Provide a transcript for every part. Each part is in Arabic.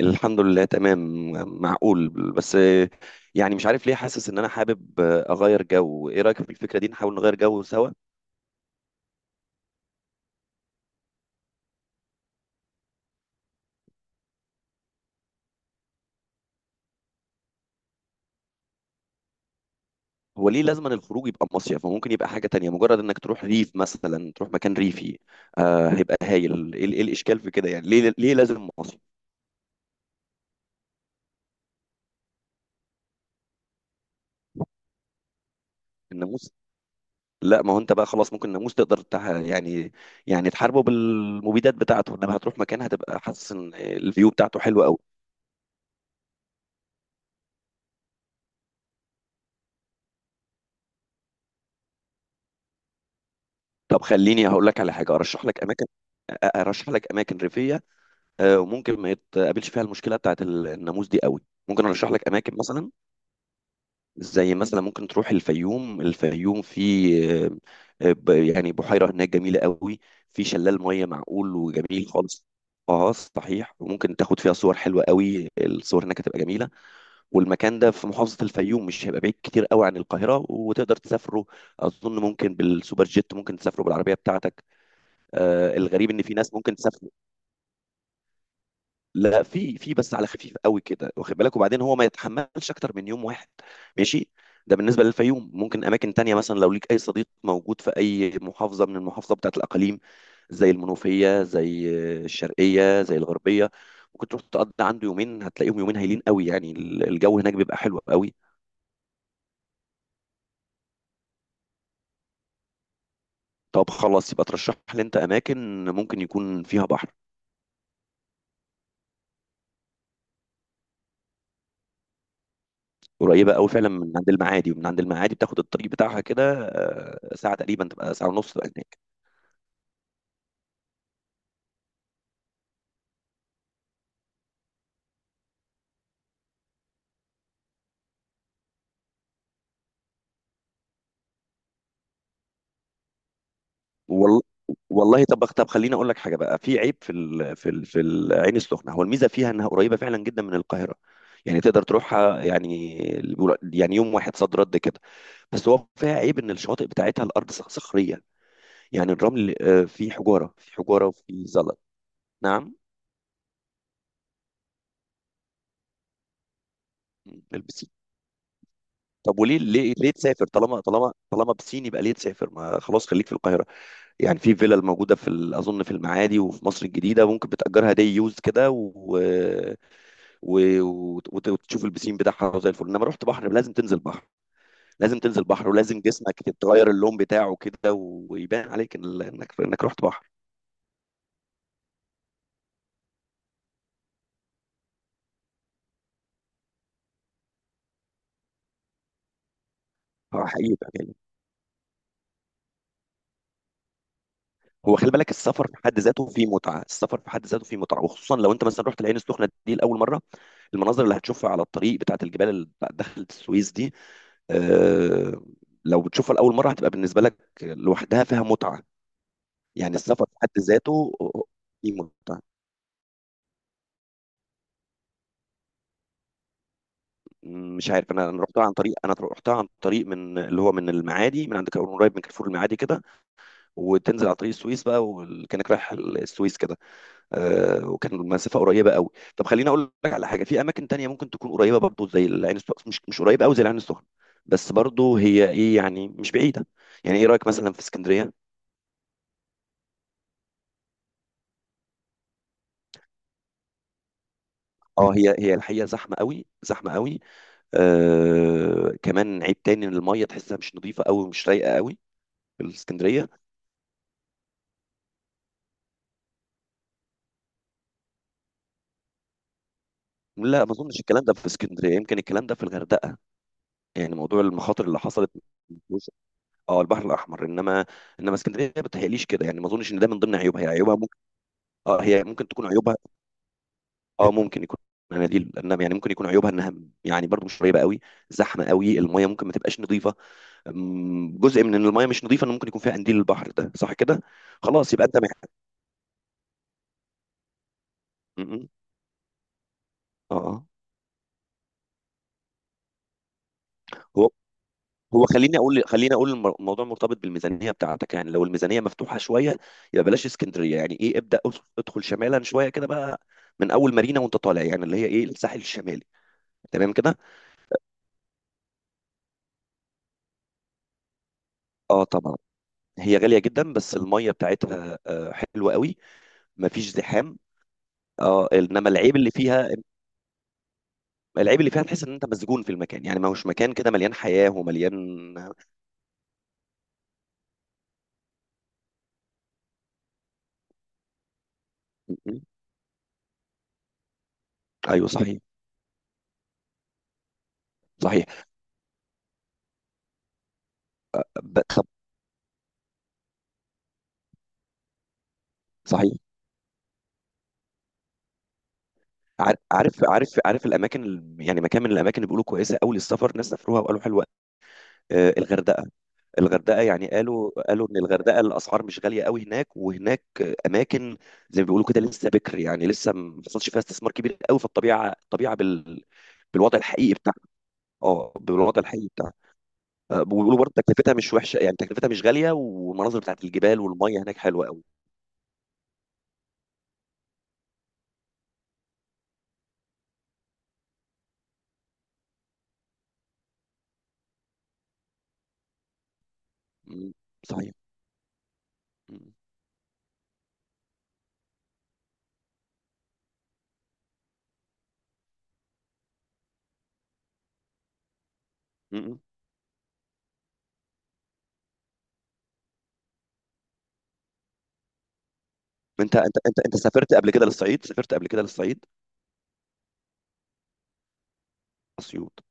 الحمد لله تمام. معقول بس. يعني مش عارف ليه حاسس ان انا حابب اغير جو. ايه رايك في الفكره دي؟ نحاول نغير جو سوا. هو ليه لازم أن الخروج يبقى مصيف؟ ممكن يبقى حاجه تانية، مجرد انك تروح ريف مثلا، تروح مكان ريفي. آه، هيبقى هايل. ايه الاشكال في كده يعني؟ ليه لازم مصيف؟ الناموس. لا، ما هو انت بقى خلاص، ممكن الناموس تقدر يعني، يعني تحاربه بالمبيدات بتاعته. انما هتروح مكان هتبقى حاسس ان الفيو بتاعته حلوه قوي. طب خليني هقول لك على حاجه، ارشح لك اماكن. ارشح لك اماكن ريفيه. آه، وممكن ما يتقابلش فيها المشكله بتاعت الناموس دي قوي. ممكن ارشح لك اماكن مثلا. زي مثلا ممكن تروح الفيوم. الفيوم في آه، يعني بحيره هناك جميله قوي. في شلال ميه معقول وجميل خالص. اه صحيح. وممكن تاخد فيها صور حلوه قوي، الصور هناك هتبقى جميله. والمكان ده في محافظه الفيوم، مش هيبقى بعيد كتير قوي عن القاهره، وتقدر تسافره. اظن ممكن بالسوبر جيت، ممكن تسافره بالعربيه بتاعتك. آه، الغريب ان في ناس ممكن تسافر. لا، في بس على خفيف قوي كده، واخد بالك، وبعدين هو ما يتحملش اكتر من يوم واحد. ماشي. ده بالنسبه للفيوم. ممكن اماكن تانية مثلا، لو ليك اي صديق موجود في اي محافظه من المحافظه بتاعت الاقاليم، زي المنوفيه، زي الشرقيه، زي الغربيه. ممكن تروح تقضي عنده يومين، هتلاقيهم يومين هايلين قوي يعني. الجو هناك بيبقى حلو قوي. طب خلاص، يبقى ترشح لي انت اماكن ممكن يكون فيها بحر. قريبه قوي فعلا من عند المعادي. ومن عند المعادي بتاخد الطريق بتاعها كده، ساعه تقريبا، تبقى ساعه ونص تبقى هناك. والله. والله، طب خليني اقول لك حاجه بقى. في عيب في العين السخنه. هو الميزه فيها انها قريبه فعلا جدا من القاهره. يعني تقدر تروحها يعني، يعني يوم واحد صد رد كده. بس هو فيها عيب ان الشواطئ بتاعتها الارض صخريه. يعني الرمل، فيه حجاره، في حجاره وفي زلط. نعم. البسين. طب وليه ليه تسافر طالما طالما بسين يبقى ليه تسافر؟ ما خلاص، خليك في القاهره. يعني في فيلا الموجودة في أظن في المعادي وفي مصر الجديدة، ممكن بتأجرها دي يوز كده وتشوف البسين بتاعها زي الفل. إنما رحت بحر لازم تنزل بحر. لازم تنزل بحر، ولازم جسمك تتغير اللون بتاعه كده، ويبان عليك إنك رحت بحر. حقيقي بقى يعني. هو خلي بالك، السفر في حد ذاته فيه متعة. السفر في حد ذاته فيه متعة، وخصوصا لو أنت مثلا رحت العين السخنة دي لأول مرة. المناظر اللي هتشوفها على الطريق بتاعت الجبال اللي دخلت السويس دي، آه، لو بتشوفها لأول مرة هتبقى بالنسبة لك لوحدها فيها متعة. يعني السفر في حد ذاته ليه متعة. مش عارف، انا رحتها عن طريق، انا رحتها عن طريق، من اللي هو من المعادي، من عند قريب من كارفور المعادي كده. وتنزل على طريق السويس بقى، وكانك رايح السويس كده. وكان المسافه قريبه قوي. طب خليني اقول لك على حاجه، في اماكن تانية ممكن تكون قريبه برضو زي العين السخنه، مش قريبه قوي زي العين السخنه. بس برضو هي ايه يعني، مش بعيده. يعني ايه رايك مثلا في اسكندريه؟ اه هي الحقيقه زحمه قوي، زحمه قوي. كمان عيب تاني ان الميه تحسها مش نظيفه قوي ومش رايقه قوي في الاسكندريه. لا، ما اظنش الكلام ده في اسكندريه. يمكن الكلام ده في الغردقه. يعني موضوع المخاطر اللي حصلت، مش- اه البحر الاحمر. انما اسكندريه ما بتهيأليش كده يعني، ما اظنش ان ده من ضمن عيوبها. هي عيوبها ممكن. اه، هي ممكن تكون عيوبها. اه ممكن يكون مناديل، انما يعني ممكن يكون عيوبها انها يعني برضو مش قريبه قوي، زحمه قوي، الميه ممكن ما تبقاش نظيفه. جزء من ان الميه مش نظيفه ان ممكن يكون فيها قنديل البحر ده، صح كده؟ خلاص يبقى انت. م. اه. آه. هو هو خليني اقول الموضوع مرتبط بالميزانيه بتاعتك، يعني لو الميزانيه مفتوحه شويه يبقى بلاش اسكندريه يعني، ايه ابدا، ادخل شمالا شويه كده بقى. من اول مارينا وانت طالع، يعني اللي هي ايه، الساحل الشمالي، تمام كده. اه طبعا. هي غاليه جدا بس الميه بتاعتها حلوه قوي. مفيش زحام. اه انما العيب اللي فيها، العيب اللي فيها تحس ان انت مسجون في المكان، يعني ما هوش مكان كده مليان حياه ومليان. ايوه صحيح. صحيح. طب. صحيح. عارف عارف الاماكن يعني مكان من الاماكن اللي بيقولوا كويسه قوي للسفر، ناس سافروها وقالوا حلوه. آه، الغردقه الغردقه يعني قالوا ان الغردقه الاسعار مش غاليه قوي هناك، وهناك اماكن زي ما بيقولوا كده لسه بكر، يعني لسه ما حصلش فيها استثمار كبير قوي في الطبيعه بالوضع الحقيقي بتاعها. اه، بالوضع الحقيقي بتاعها. بيقولوا برضه تكلفتها مش وحشه، يعني تكلفتها مش غاليه، والمناظر بتاعت الجبال والميه هناك حلوه قوي. م- صحيح. م- م- م. انت سافرت قبل كده للصعيد، سافرت قبل كده للصعيد. اسيوط.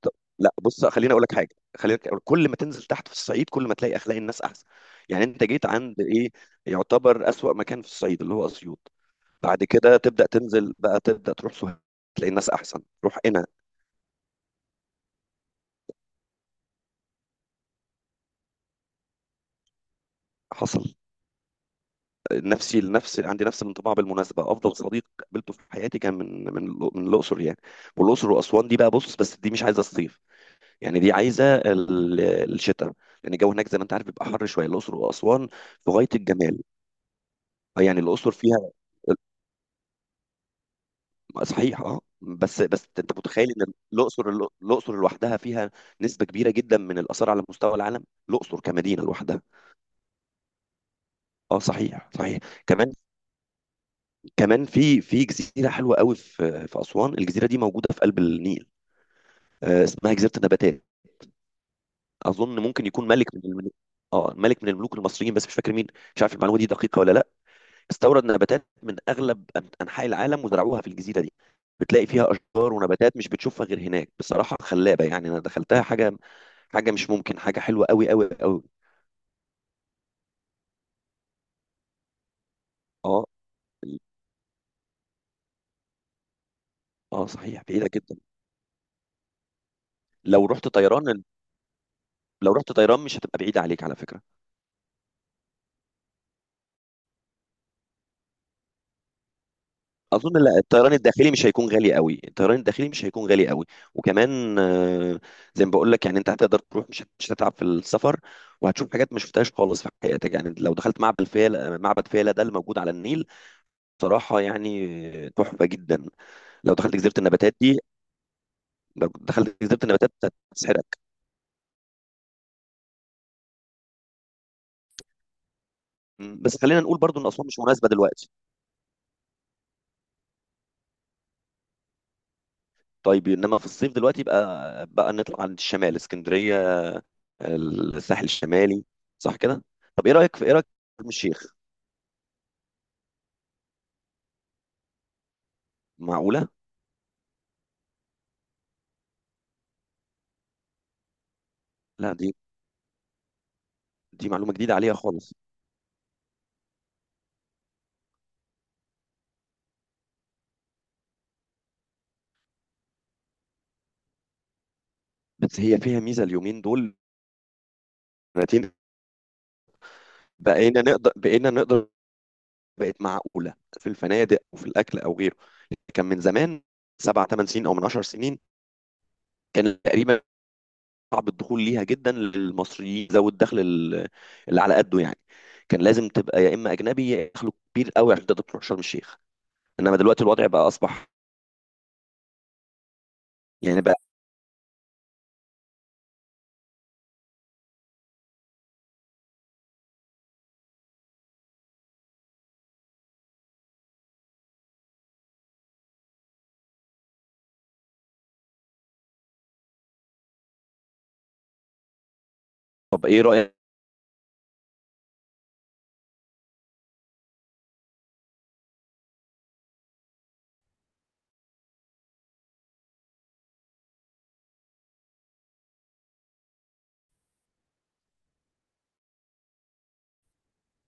طب- لا بص، خليني اقول لك حاجه، خليني أقول، كل ما تنزل تحت في الصعيد كل ما تلاقي اخلاق الناس احسن. يعني انت جيت عند ايه، يعتبر اسوأ مكان في الصعيد اللي هو اسيوط. بعد كده تبدا تنزل بقى، تبدا تروح سوهاج، تلاقي الناس احسن روح هنا. حصل. نفسي لنفس، عندي نفس الانطباع، بالمناسبه افضل صديق قابلته في حياتي كان من الاقصر يعني. والاقصر واسوان دي بقى بص، بس دي مش عايزه الصيف، يعني دي عايزه الشتاء، لان الجو هناك زي ما انت عارف بيبقى حر شويه، الاقصر واسوان في غايه الجمال. يعني الاقصر فيها، صحيح اه، بس انت متخيل ان الاقصر لوحدها فيها نسبه كبيره جدا من الاثار على مستوى العالم، الاقصر كمدينه لوحدها. اه صحيح. صحيح. كمان كمان في جزيره حلوه قوي في اسوان. الجزيره دي موجوده في قلب النيل. آه، اسمها جزيره النباتات. اظن ممكن يكون ملك من الملوك. اه، ملك من الملوك المصريين بس مش فاكر مين. مش عارف المعلومه دي دقيقه ولا لا. استورد نباتات من اغلب انحاء العالم وزرعوها في الجزيره دي. بتلاقي فيها اشجار ونباتات مش بتشوفها غير هناك بصراحه، خلابه يعني. انا دخلتها، حاجه، حاجه مش ممكن، حاجه حلوه قوي قوي قوي. اه. اه صحيح بعيده جدا. لو رحت طيران، لو رحت طيران مش هتبقى بعيده عليك على فكره. اظن لا، الطيران الداخلي مش هيكون غالي قوي، الطيران الداخلي مش هيكون غالي قوي. وكمان، زي ما بقول لك، يعني انت هتقدر تروح، مش هتتعب في السفر. وهتشوف حاجات ما شفتهاش خالص في حياتك، يعني لو دخلت معبد فيلة، معبد فيلة ده اللي موجود على النيل، صراحه يعني تحفه جدا. لو دخلت جزيره النباتات دي، لو دخلت جزيره النباتات هتسحرك. بس خلينا نقول برضو ان اسوان مش مناسبه دلوقتي. طيب، انما في الصيف دلوقتي بقى نطلع عند الشمال، اسكندريه، الساحل الشمالي، صح كده؟ طب ايه رايك في، ايه رايك في شرم الشيخ؟ معقوله؟ لا، دي معلومه جديده عليها خالص. بس هي فيها ميزه اليومين دول، سنتين بقينا نقدر بقت معقوله في الفنادق وفي الاكل او غيره. كان من زمان، سبع ثمان سنين او من 10 سنين كان تقريبا صعب الدخول ليها جدا للمصريين ذوي الدخل اللي على قده يعني. كان لازم تبقى يا اما اجنبي يا اما دخله كبير قوي عشان تقدر تروح شرم الشيخ. انما دلوقتي الوضع بقى اصبح يعني بقى. طب ايه رايك؟